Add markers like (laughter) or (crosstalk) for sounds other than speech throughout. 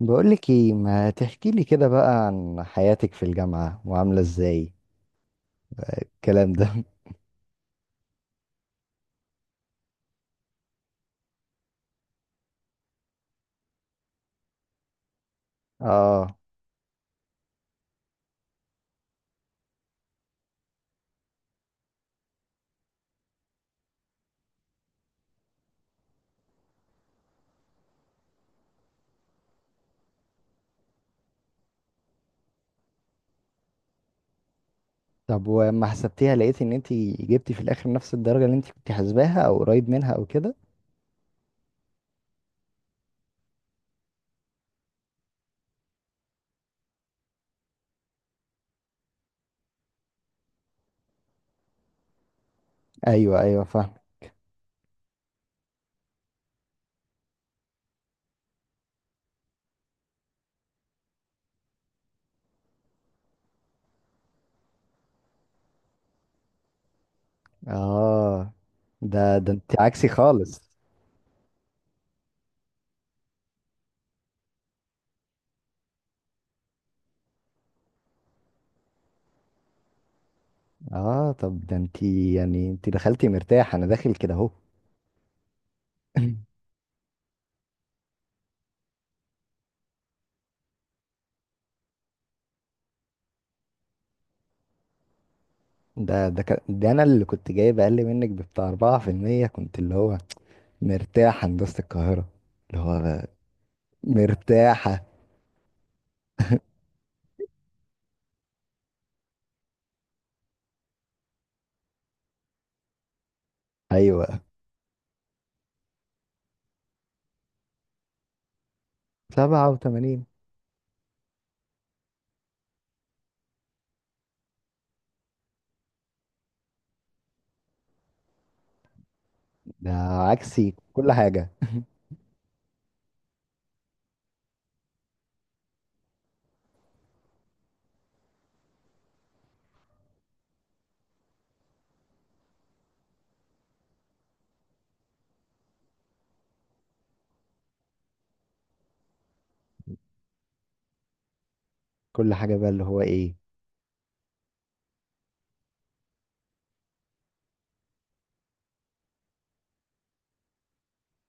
بقولك ايه، ما تحكي لي كده بقى عن حياتك في الجامعة وعاملة ازاي الكلام ده؟ (laughs) اه، طب وما حسبتيها لقيت ان انتي جبتي في الاخر نفس الدرجة اللي انتي كنت حاسباها او قريب منها او كده؟ ايوه ايوه فاهم. اه، ده انتي عكسي خالص. اه، طب ده انتي يعني انتي دخلتي مرتاح، انا داخل كده اهو. (laughs) (clears throat) ده كان- ده انا اللي كنت جايب اقل منك بتاع 4%، كنت اللي هو مرتاح هندسة القاهرة، اللي هو مرتاحة. ايوه، 87. ده عكسي كل حاجة. بقى اللي هو ايه؟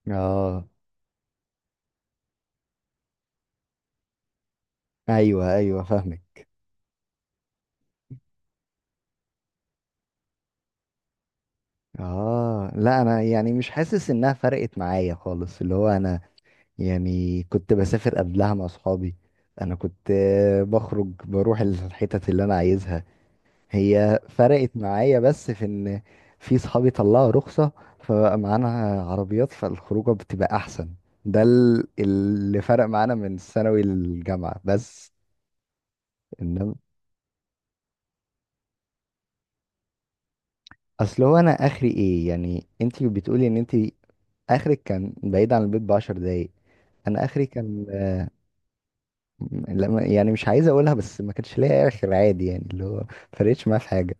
اه. ايوه ايوه فاهمك. اه، لا انا يعني مش حاسس انها فرقت معايا خالص، اللي هو انا يعني كنت بسافر قبلها مع اصحابي. انا كنت بخرج، بروح الحتت اللي انا عايزها. هي فرقت معايا بس في ان في صحابي طلعوا رخصة فبقى معانا عربيات، فالخروجة بتبقى احسن. ده اللي فرق معانا من ثانوي للجامعة بس، انما اصل هو انا اخري ايه؟ يعني انت بتقولي ان انت اخرك كان بعيد عن البيت بعشر دقايق، انا اخري كان لما، يعني مش عايز اقولها، بس ما كانش ليا اخر عادي، يعني اللي هو فرقتش معاه في حاجه.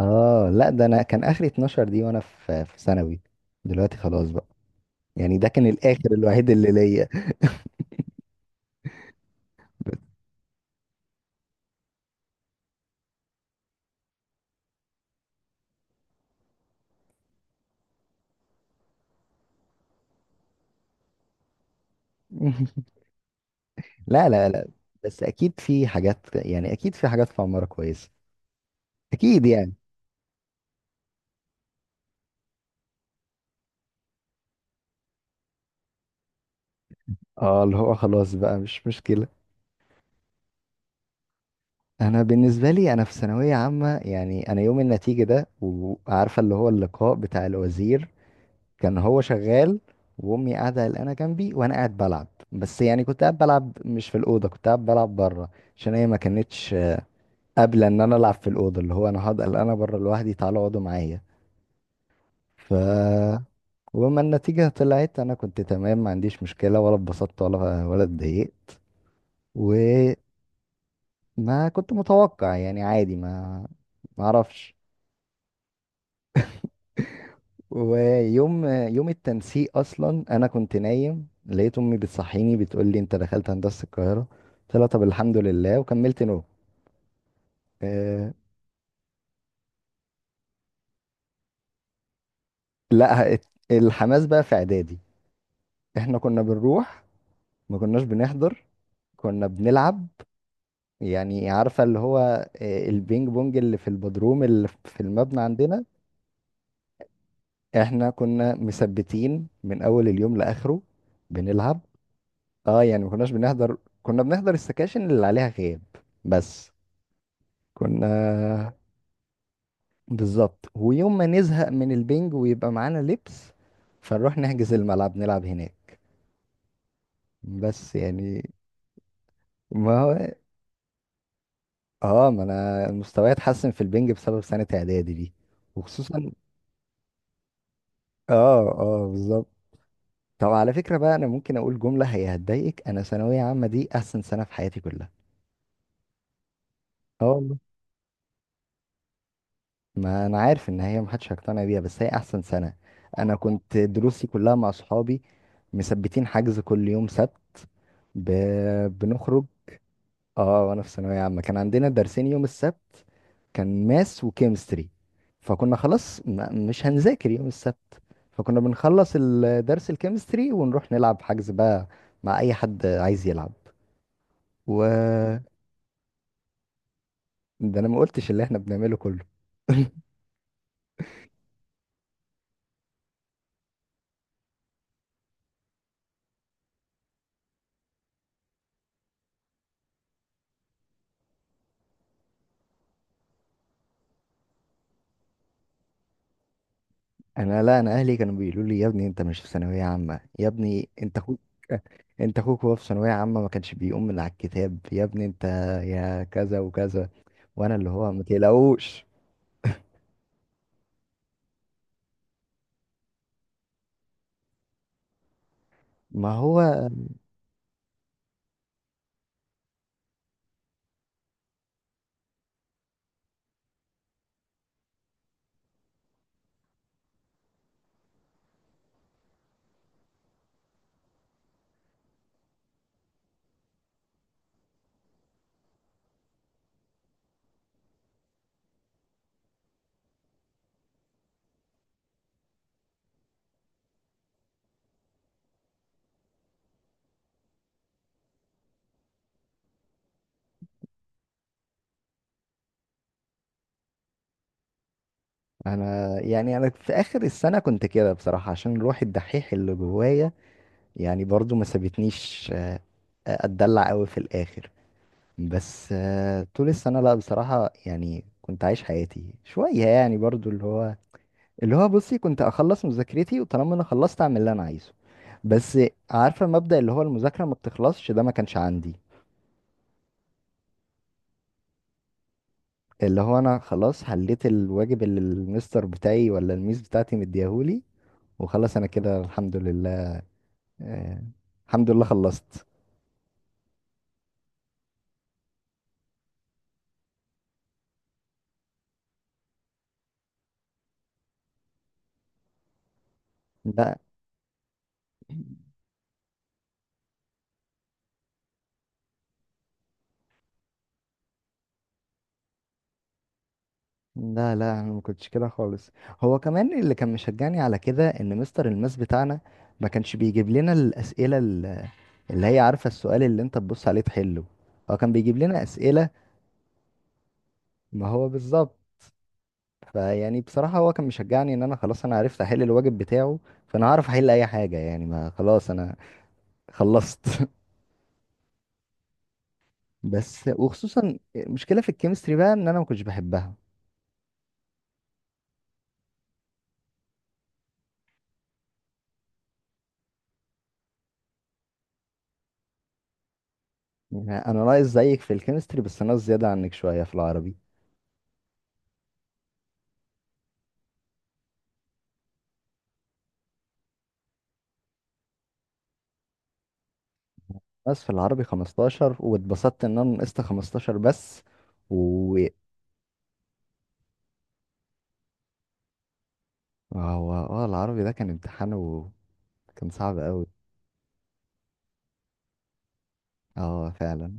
اه، لا ده انا كان اخري 12، دي وانا في ثانوي، دلوقتي خلاص بقى. يعني ده كان الاخر الوحيد اللي ليا. (laughs) لا لا لا. بس اكيد في حاجات، يعني اكيد في حاجات في عمارة كويسه، اكيد يعني. اه، اللي هو خلاص بقى، مش مشكله. انا بالنسبه لي، انا في ثانويه عامه، يعني انا يوم النتيجه ده وعارفه اللي هو اللقاء بتاع الوزير كان هو شغال، وامي قاعده قلقانه جنبي، وانا قاعد بلعب. بس يعني كنت قاعد بلعب مش في الاوضه، كنت قاعد بلعب بره، عشان هي ما كانتش قابله ان انا العب في الاوضه، اللي هو انا هقعد قلقانه بره لوحدي، تعالوا اقعدوا معايا. ف، وما النتيجه طلعت انا كنت تمام، ما عنديش مشكله، ولا اتبسطت ولا اتضايقت. وما، كنت متوقع يعني عادي، ما، ما اعرفش. يوم التنسيق اصلا انا كنت نايم، لقيت امي بتصحيني بتقول لي انت دخلت هندسه القاهره، قلت لها طب الحمد لله، وكملت نوم. أه. لا ات- الحماس بقى في اعدادي، احنا كنا بنروح، ما كناش بنحضر، كنا بنلعب. يعني عارفه اللي هو البينج بونج اللي في البدروم اللي في المبنى عندنا. احنا كنا مثبتين من اول اليوم لاخره بنلعب. اه، يعني ما كناش بنحضر، كنا بنحضر السكاشن اللي عليها غياب بس. كنا بالظبط، ويوم ما نزهق من البنج ويبقى معانا لبس فنروح نحجز الملعب نلعب هناك. بس يعني ما هو، اه ما انا مستواي اتحسن في البنج بسبب سنة اعدادي دي. وخصوصا، اه اه بالظبط. طب على فكرة بقى، انا ممكن اقول جملة هي هتضايقك: انا ثانوية عامة دي احسن سنة في حياتي كلها. اه والله، ما انا عارف ان هي محدش هيقتنع بيها، بس هي احسن سنة. انا كنت دروسي كلها مع صحابي، مثبتين حجز كل يوم سبت. ب... بنخرج. اه، وانا في ثانوية عامة كان عندنا درسين يوم السبت، كان ماس وكيمستري، فكنا خلاص مش هنذاكر يوم السبت، فكنا بنخلص الدرس الكيمستري ونروح نلعب حجز بقى مع اي حد عايز يلعب. و، ده انا ما قلتش اللي احنا بنعمله كله. انا، لا، انا اهلي كانوا بيقولوا لي يا ابني انت مش في ثانوية عامة، يا ابني انت اخوك، وهو في ثانوية عامة ما كانش بيقوم من على الكتاب، يا ابني انت يا كذا وكذا، وانا اللي هو ما تقلقوش. ما هو انا يعني انا في اخر السنه كنت كده بصراحه، عشان روح الدحيح اللي جوايا يعني برضو ما سابتنيش، اتدلع قوي في الاخر. بس طول السنه لا بصراحه، يعني كنت عايش حياتي شويه، يعني برضو اللي هو بصي، كنت اخلص مذاكرتي وطالما انا خلصت اعمل اللي انا عايزه. بس عارفه مبدأ اللي هو المذاكره ما بتخلصش، ده ما كانش عندي. اللي هو انا خلاص حليت الواجب اللي المستر بتاعي ولا الميس بتاعتي مديهولي، وخلاص انا كده الحمد لله. آه، الحمد لله خلصت. لا لا لا، انا ما كنتش كده خالص. هو كمان اللي كان مشجعني على كده ان مستر الماس بتاعنا ما كانش بيجيب لنا الاسئله اللي هي، عارفه، السؤال اللي انت تبص عليه تحله، هو كان بيجيب لنا اسئله. ما هو بالظبط. فيعني بصراحه هو كان مشجعني، ان انا خلاص انا عرفت احل الواجب بتاعه فانا هعرف احل اي حاجه، يعني ما خلاص انا خلصت. (laughs) بس، وخصوصا مشكله في الكيمستري بقى ان انا ما كنتش بحبها. يعني انا ناقص زيك في الكيمستري، بس ناقص زياده عنك شويه في العربي. بس في العربي 15، واتبسطت ان انا نقصت 15 بس. و، هو اه العربي ده كان امتحان، وكان صعب قوي. اه فعلا.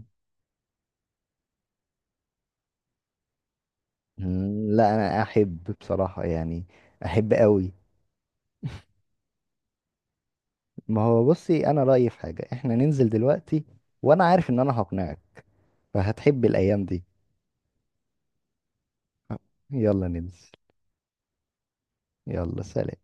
مم، لا انا احب بصراحه، يعني احب قوي. ما هو بصي انا رايي في حاجه، احنا ننزل دلوقتي وانا عارف ان انا هقنعك، فهتحب الايام دي. يلا ننزل. يلا سلام.